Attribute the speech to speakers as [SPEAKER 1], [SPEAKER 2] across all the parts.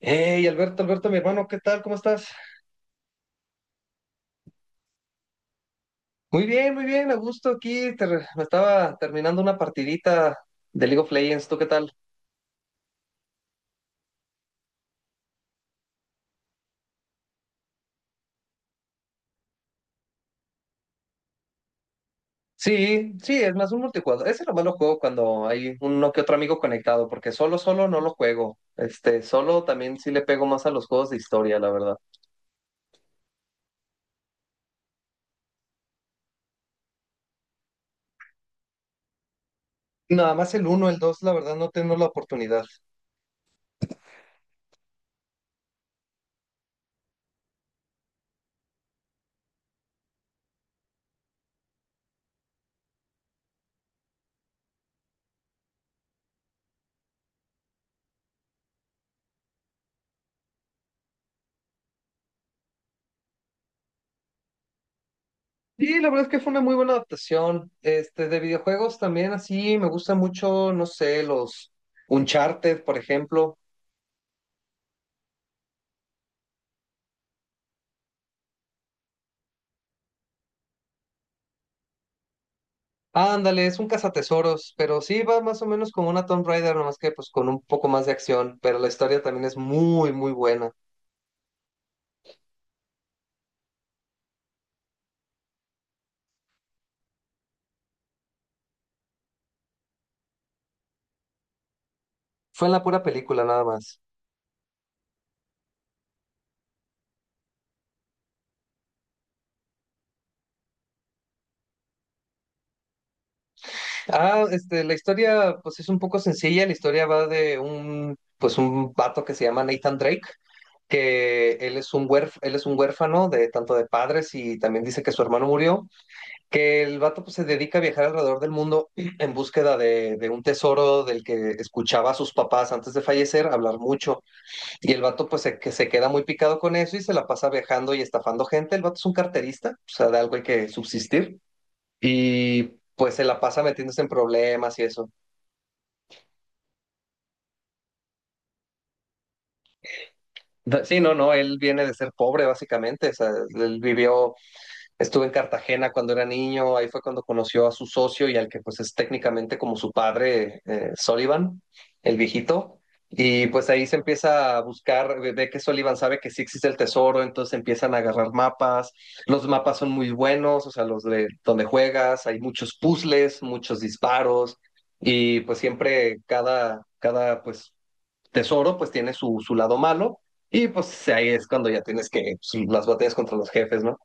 [SPEAKER 1] Hey, Alberto, Alberto, mi hermano, ¿qué tal? ¿Cómo estás? Muy bien, a gusto aquí. Me estaba terminando una partidita de League of Legends, ¿tú qué tal? Sí, sí, es más un multijugador. Ese nomás lo juego cuando hay uno que otro amigo conectado, porque solo no lo juego. Este, solo también sí le pego más a los juegos de historia, la verdad. Nada más el uno, el dos, la verdad, no tengo la oportunidad. Sí, la verdad es que fue una muy buena adaptación. Este, de videojuegos también así, me gustan mucho, no sé, los Uncharted, por ejemplo. Ándale, es un cazatesoros, pero sí va más o menos como una Tomb Raider, nomás que pues con un poco más de acción, pero la historia también es muy, muy buena. Fue en la pura película nada más. Ah, este, la historia pues es un poco sencilla, la historia va de un, pues un vato que se llama Nathan Drake, que él es un él es un huérfano de tanto de padres y también dice que su hermano murió, que el vato pues se dedica a viajar alrededor del mundo en búsqueda de un tesoro del que escuchaba a sus papás antes de fallecer hablar mucho. Y el vato pues se, que se queda muy picado con eso y se la pasa viajando y estafando gente. El vato es un carterista, o sea, de algo hay que subsistir. Y pues se la pasa metiéndose en problemas y eso. Sí, no, no, él viene de ser pobre básicamente, o sea, él vivió. Estuve en Cartagena cuando era niño, ahí fue cuando conoció a su socio y al que pues es técnicamente como su padre, Sullivan, el viejito. Y pues ahí se empieza a buscar, ve que Sullivan sabe que sí existe el tesoro, entonces empiezan a agarrar mapas. Los mapas son muy buenos, o sea, los de donde juegas, hay muchos puzzles, muchos disparos y pues siempre cada, cada pues tesoro pues tiene su, su lado malo y pues ahí es cuando ya tienes que pues, las batallas contra los jefes, ¿no?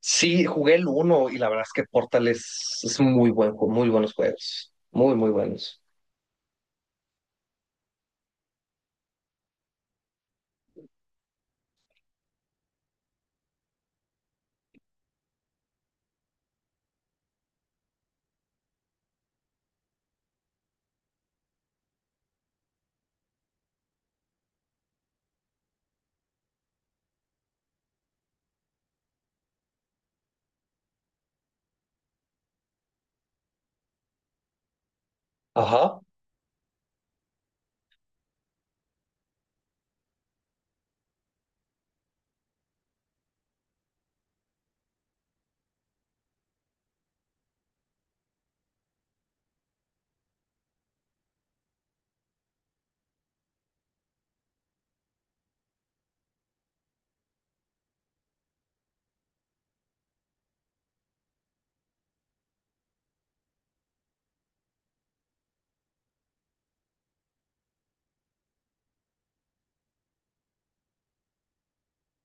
[SPEAKER 1] Sí, jugué el uno y la verdad es que Portal es un muy buen, muy buenos juegos. Muy, muy buenos. Ajá.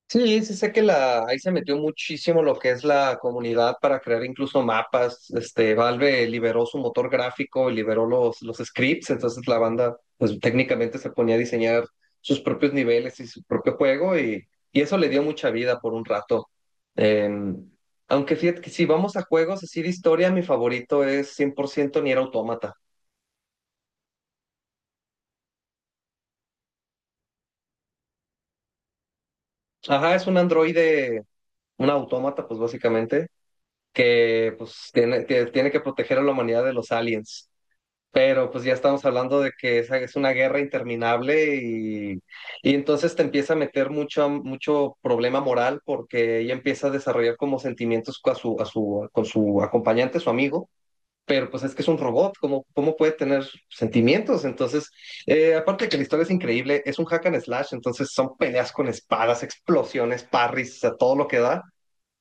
[SPEAKER 1] Sí, sí sé que la, ahí se metió muchísimo lo que es la comunidad para crear incluso mapas. Este, Valve liberó su motor gráfico y liberó los scripts, entonces la banda pues técnicamente se ponía a diseñar sus propios niveles y su propio juego y eso le dio mucha vida por un rato. Eh, Aunque fíjate que si vamos a juegos así de historia, mi favorito es 100% Nier Automata. Ajá, es un androide, un autómata pues básicamente, que pues tiene, tiene que proteger a la humanidad de los aliens. Pero pues ya estamos hablando de que esa es una guerra interminable y entonces te empieza a meter mucho, mucho problema moral porque ella empieza a desarrollar como sentimientos con su, a su, con su acompañante, su amigo, pero pues es que es un robot, ¿cómo, cómo puede tener sentimientos? Entonces, aparte de que la historia es increíble, es un hack and slash, entonces son peleas con espadas, explosiones, parries, a todo lo que da.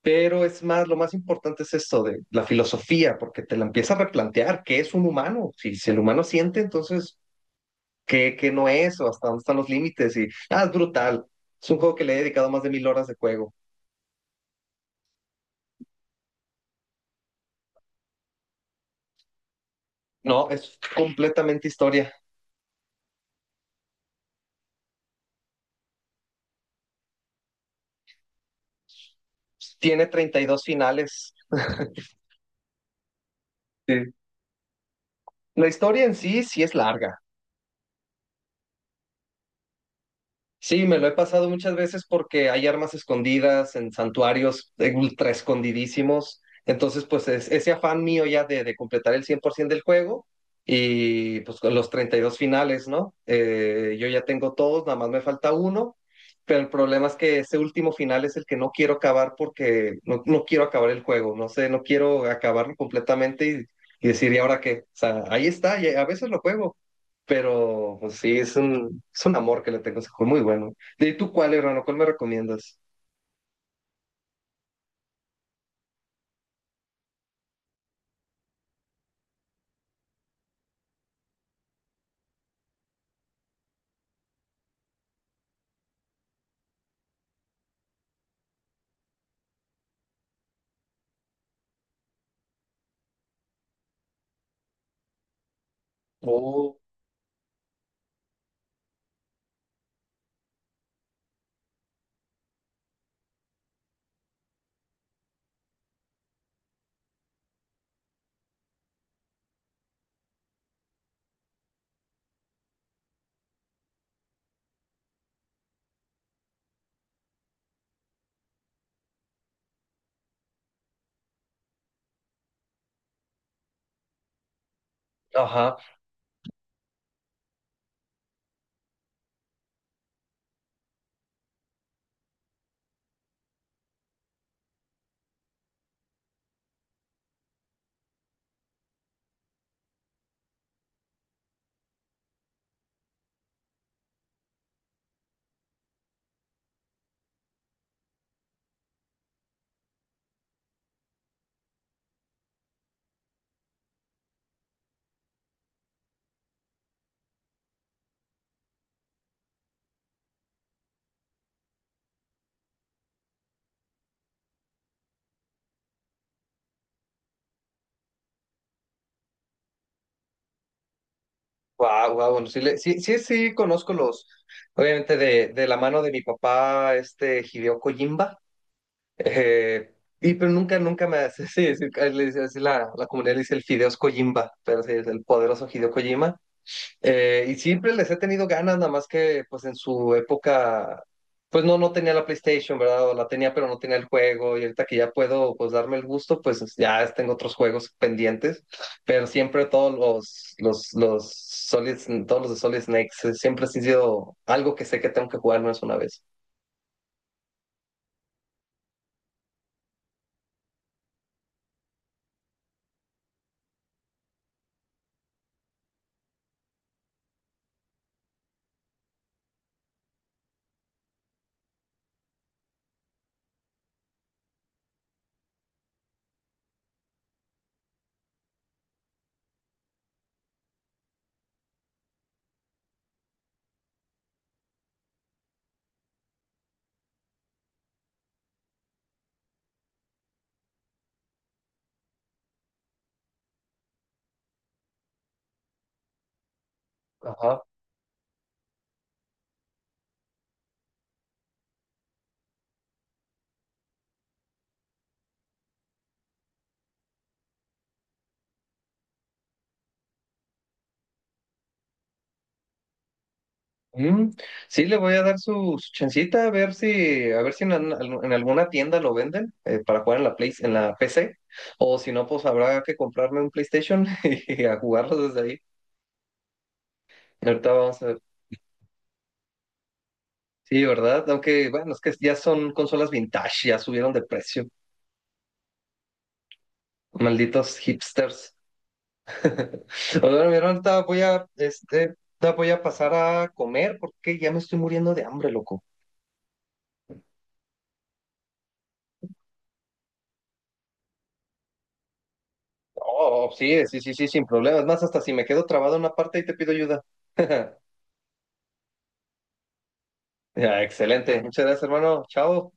[SPEAKER 1] Pero es más, lo más importante es esto de la filosofía, porque te la empieza a replantear, ¿qué es un humano? Si, si el humano siente, entonces, ¿qué, qué no es? ¿O hasta dónde están los límites? Y, ah, es brutal. Es un juego que le he dedicado más de mil horas de juego. No, es completamente historia. Tiene treinta y dos finales. Sí. La historia en sí sí es larga. Sí, me lo he pasado muchas veces porque hay armas escondidas en santuarios ultra escondidísimos. Entonces, pues es, ese afán mío ya de completar el 100% del juego y pues con los treinta y dos finales, ¿no? Yo ya tengo todos, nada más me falta uno, pero el problema es que ese último final es el que no quiero acabar porque no, no quiero acabar el juego, no sé, no quiero acabarlo completamente y decir, ¿y ahora qué? O sea, ahí está, y a veces lo juego. Pero pues sí, es un amor que le tengo a ese juego, muy bueno. ¿Y tú cuál, hermano? ¿Cuál me recomiendas? Oh, ajá, wow, wow, bueno, sí, sí, sí, sí, conozco los, obviamente de la mano de mi papá, este Hideo Kojimba, y pero nunca, nunca me hace, sí, sí, así la, la comunidad le dice el Fideos Kojimba, pero sí, es el poderoso Hideo Kojima. Y siempre les he tenido ganas, nada más que pues en su época, pues no, no tenía la PlayStation, ¿verdad? O la tenía, pero no tenía el juego. Y ahorita que ya puedo pues darme el gusto, pues ya tengo otros juegos pendientes. Pero siempre todos los Solid, todos los de Solid Snakes, siempre han sido algo que sé que tengo que jugar más una vez. Ajá. Mm, sí, le voy a dar su, su chancita a ver si en, en alguna tienda lo venden para jugar en la Play, en la PC. O si no, pues habrá que comprarme un PlayStation y a jugarlo desde ahí. Ahorita vamos a ver. Sí, ¿verdad? Aunque, bueno, es que ya son consolas vintage, ya subieron de precio. Malditos hipsters. Bueno, mi hermano, ahorita voy a, este, ahorita voy a pasar a comer porque ya me estoy muriendo de hambre, loco. Oh, sí, sí, sí, sí, sin problemas. Más hasta si me quedo trabado en una parte y te pido ayuda. Ya, excelente. Muchas gracias, hermano. Chao.